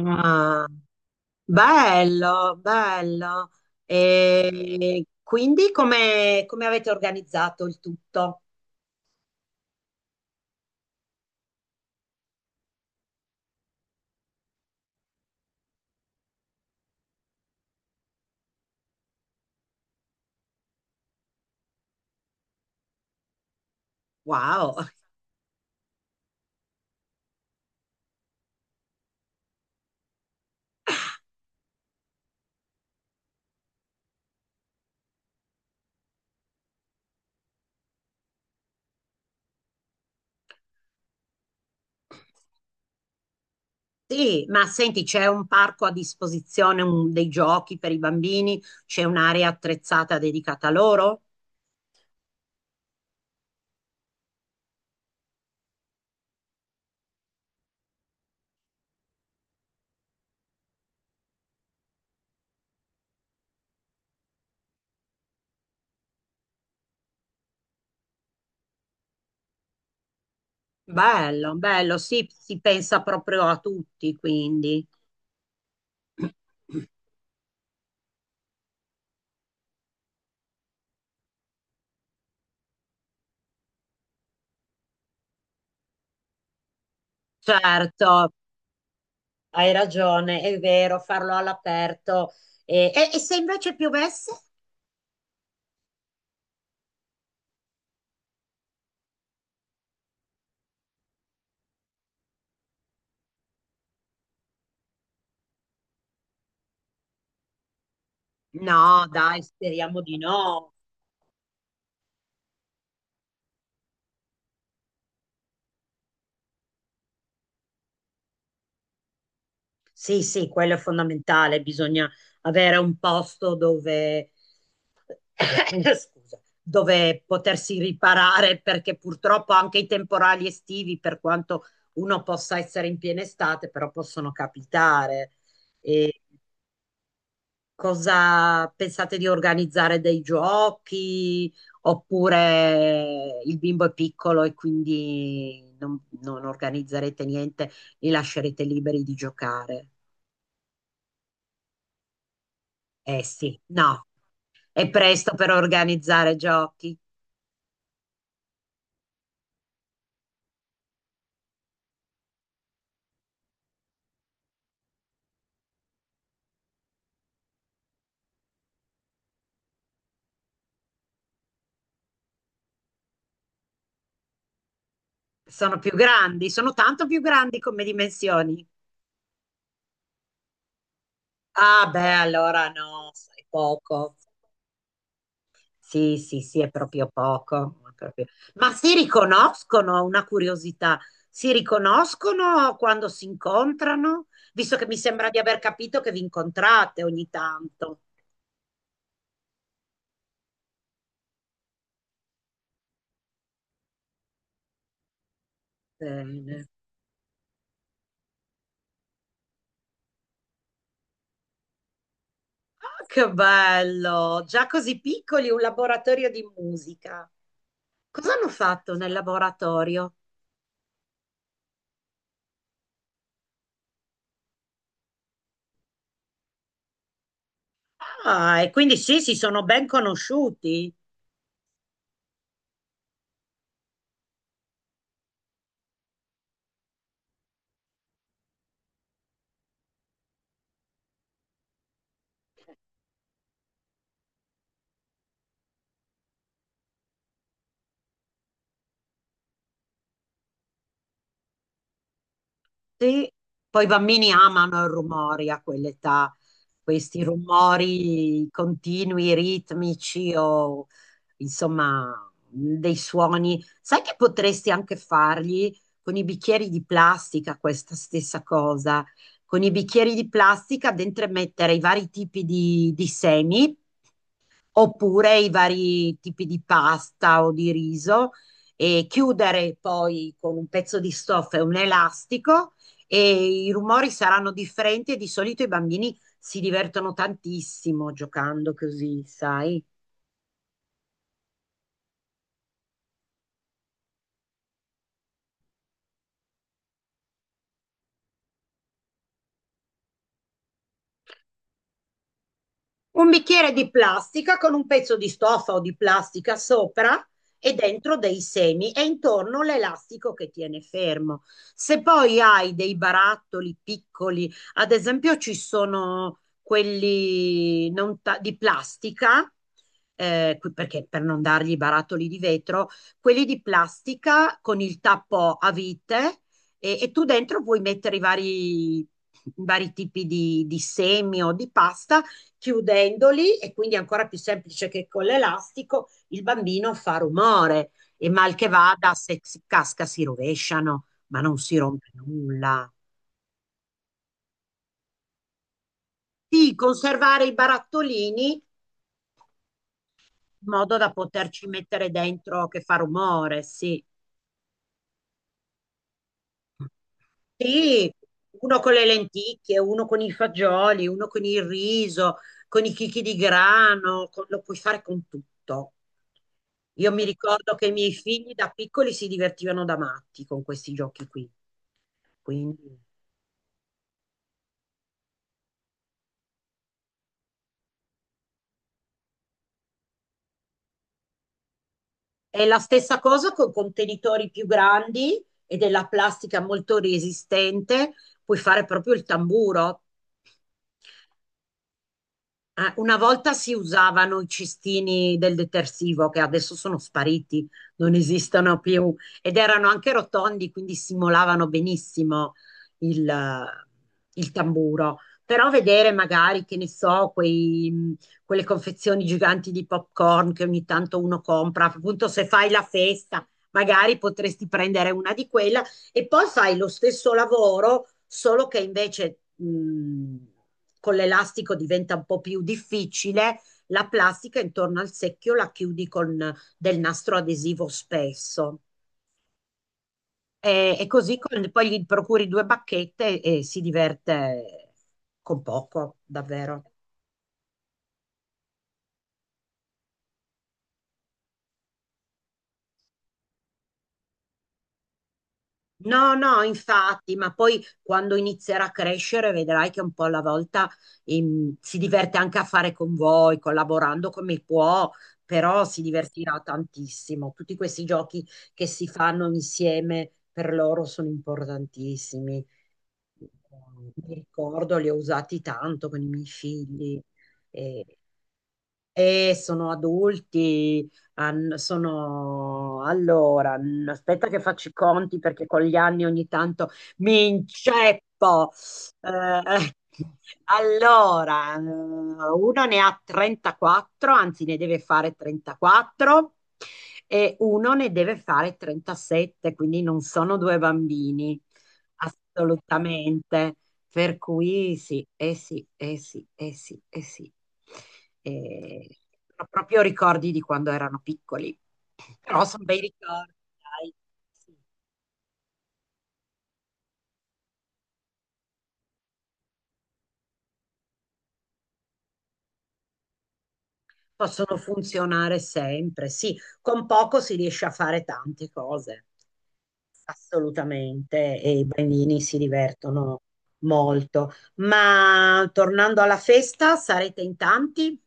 Ah, bello, bello. E quindi come avete organizzato il tutto? Wow, sì, ma senti, c'è un parco a disposizione, dei giochi per i bambini, c'è un'area attrezzata dedicata a loro? Bello, bello, sì, si pensa proprio a tutti, quindi. Certo, hai ragione, è vero, farlo all'aperto. E se invece piovesse? No, dai, speriamo di no. Sì, sì, quello è fondamentale. Bisogna avere un posto dove, scusa, dove potersi riparare perché purtroppo anche i temporali estivi, per quanto uno possa essere in piena estate, però possono capitare. Cosa pensate di organizzare dei giochi? Oppure il bimbo è piccolo e quindi non organizzerete niente, li lascerete liberi di giocare? Eh sì, no, è presto per organizzare giochi. Sono più grandi, sono tanto più grandi come dimensioni. Ah beh, allora no, sai poco. Sì, sì, sì, è proprio poco. Ma si riconoscono, una curiosità, si riconoscono quando si incontrano? Visto che mi sembra di aver capito che vi incontrate ogni tanto. Bene. Ah, che bello! Già così piccoli, un laboratorio di musica. Cosa hanno fatto nel laboratorio? Ah, e quindi sì, si sono ben conosciuti. Sì. Poi i bambini amano i rumori a quell'età, questi rumori continui, ritmici o insomma dei suoni. Sai che potresti anche fargli con i bicchieri di plastica questa stessa cosa? Con i bicchieri di plastica dentro mettere i vari tipi di semi oppure i vari tipi di pasta o di riso e chiudere poi con un pezzo di stoffa e un elastico e i rumori saranno differenti e di solito i bambini si divertono tantissimo giocando così, sai? Un bicchiere di plastica con un pezzo di stoffa o di plastica sopra e dentro dei semi e intorno l'elastico che tiene fermo. Se poi hai dei barattoli piccoli, ad esempio ci sono quelli non ta- di plastica, perché per non dargli i barattoli di vetro, quelli di plastica con il tappo a vite e tu dentro puoi mettere i vari tipi di semi o di pasta chiudendoli e quindi è ancora più semplice che con l'elastico il bambino fa rumore e mal che vada se si casca si rovesciano, ma non si rompe nulla. Sì, conservare i barattolini in modo da poterci mettere dentro che fa rumore, sì. Sì, uno con le lenticchie, uno con i fagioli, uno con il riso, con i chicchi di grano, lo puoi fare con tutto. Io mi ricordo che i miei figli da piccoli si divertivano da matti con questi giochi qui. Quindi è la stessa cosa con contenitori più grandi e della plastica molto resistente. Puoi fare proprio il tamburo. Una volta si usavano i cestini del detersivo che adesso sono spariti, non esistono più ed erano anche rotondi, quindi simulavano benissimo il, eh, il tamburo. Però vedere magari, che ne so, quelle confezioni giganti di popcorn che ogni tanto uno compra, appunto se fai la festa, magari potresti prendere una di quelle e poi fai lo stesso lavoro, solo che invece con l'elastico diventa un po' più difficile. La plastica intorno al secchio la chiudi con del nastro adesivo spesso. E poi gli procuri due bacchette e si diverte con poco, davvero. No, no, infatti, ma poi quando inizierà a crescere vedrai che un po' alla volta si diverte anche a fare con voi, collaborando come può, però si divertirà tantissimo. Tutti questi giochi che si fanno insieme per loro sono importantissimi. Mi ricordo, li ho usati tanto con i miei figli. E sono adulti, sono... Allora, aspetta che faccio i conti perché con gli anni ogni tanto mi inceppo. Eh, allora, uno ne ha 34, anzi ne deve fare 34 e uno ne deve fare 37, quindi non sono due bambini, assolutamente. Per cui sì, eh sì, eh sì, eh sì, eh sì. Eh, ho proprio ricordi di quando erano piccoli, però sono bei ricordi, dai. Sì. Possono funzionare sempre, sì, con poco si riesce a fare tante cose, assolutamente, e i bambini si divertono molto. Ma tornando alla festa, sarete in tanti?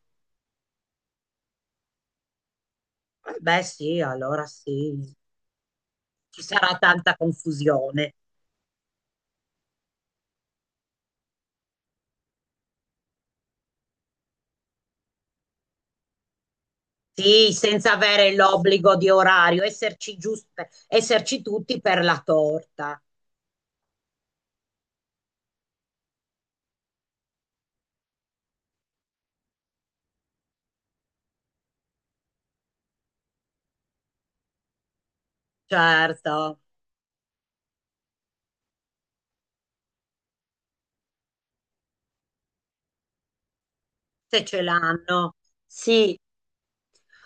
Eh beh, sì, allora sì, ci sarà tanta confusione. Sì, senza avere l'obbligo di orario, esserci giusti, esserci tutti per la torta, certo, se ce l'hanno. Sì,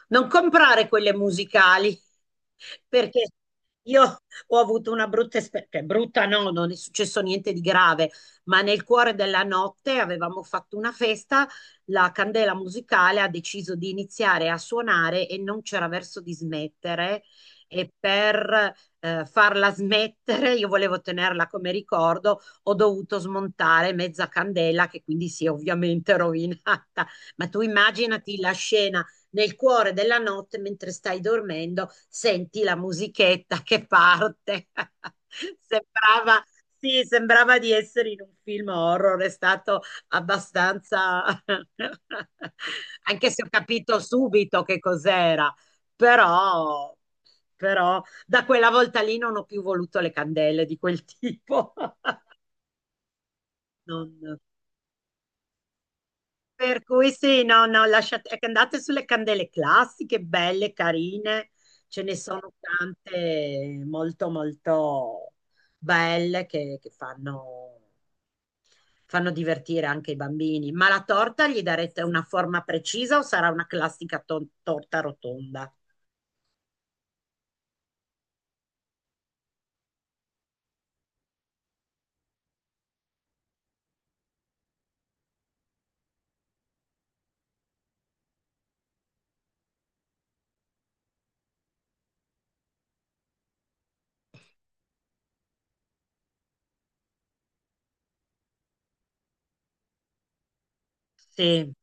Non comprare quelle musicali, perché io ho avuto una brutta esperienza, brutta no, non è successo niente di grave, ma nel cuore della notte avevamo fatto una festa, la candela musicale ha deciso di iniziare a suonare e non c'era verso di smettere. Per farla smettere, io volevo tenerla come ricordo, ho dovuto smontare mezza candela che quindi si è ovviamente rovinata. Ma tu immaginati la scena nel cuore della notte, mentre stai dormendo, senti la musichetta che parte. Sembrava, sì, sembrava di essere in un film horror, è stato abbastanza... anche se ho capito subito che cos'era, però, però da quella volta lì non ho più voluto le candele di quel tipo. Non- Per cui sì, no, no, lasciate, ecco, andate sulle candele classiche, belle, carine, ce ne sono tante molto, molto belle che fanno divertire anche i bambini. Ma la torta gli darete una forma precisa o sarà una classica torta rotonda? Sì.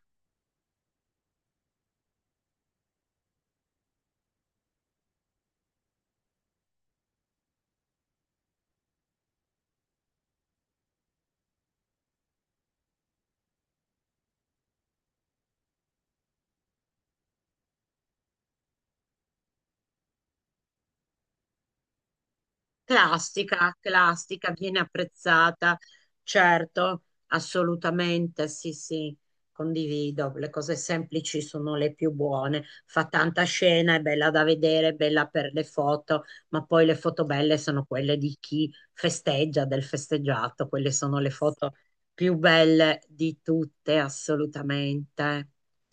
Classica, classica, viene apprezzata, certo, assolutamente, sì, sì, condivido, le cose semplici sono le più buone, fa tanta scena, è bella da vedere, è bella per le foto, ma poi le foto belle sono quelle di chi festeggia, del festeggiato, quelle sono le foto più belle di tutte, assolutamente.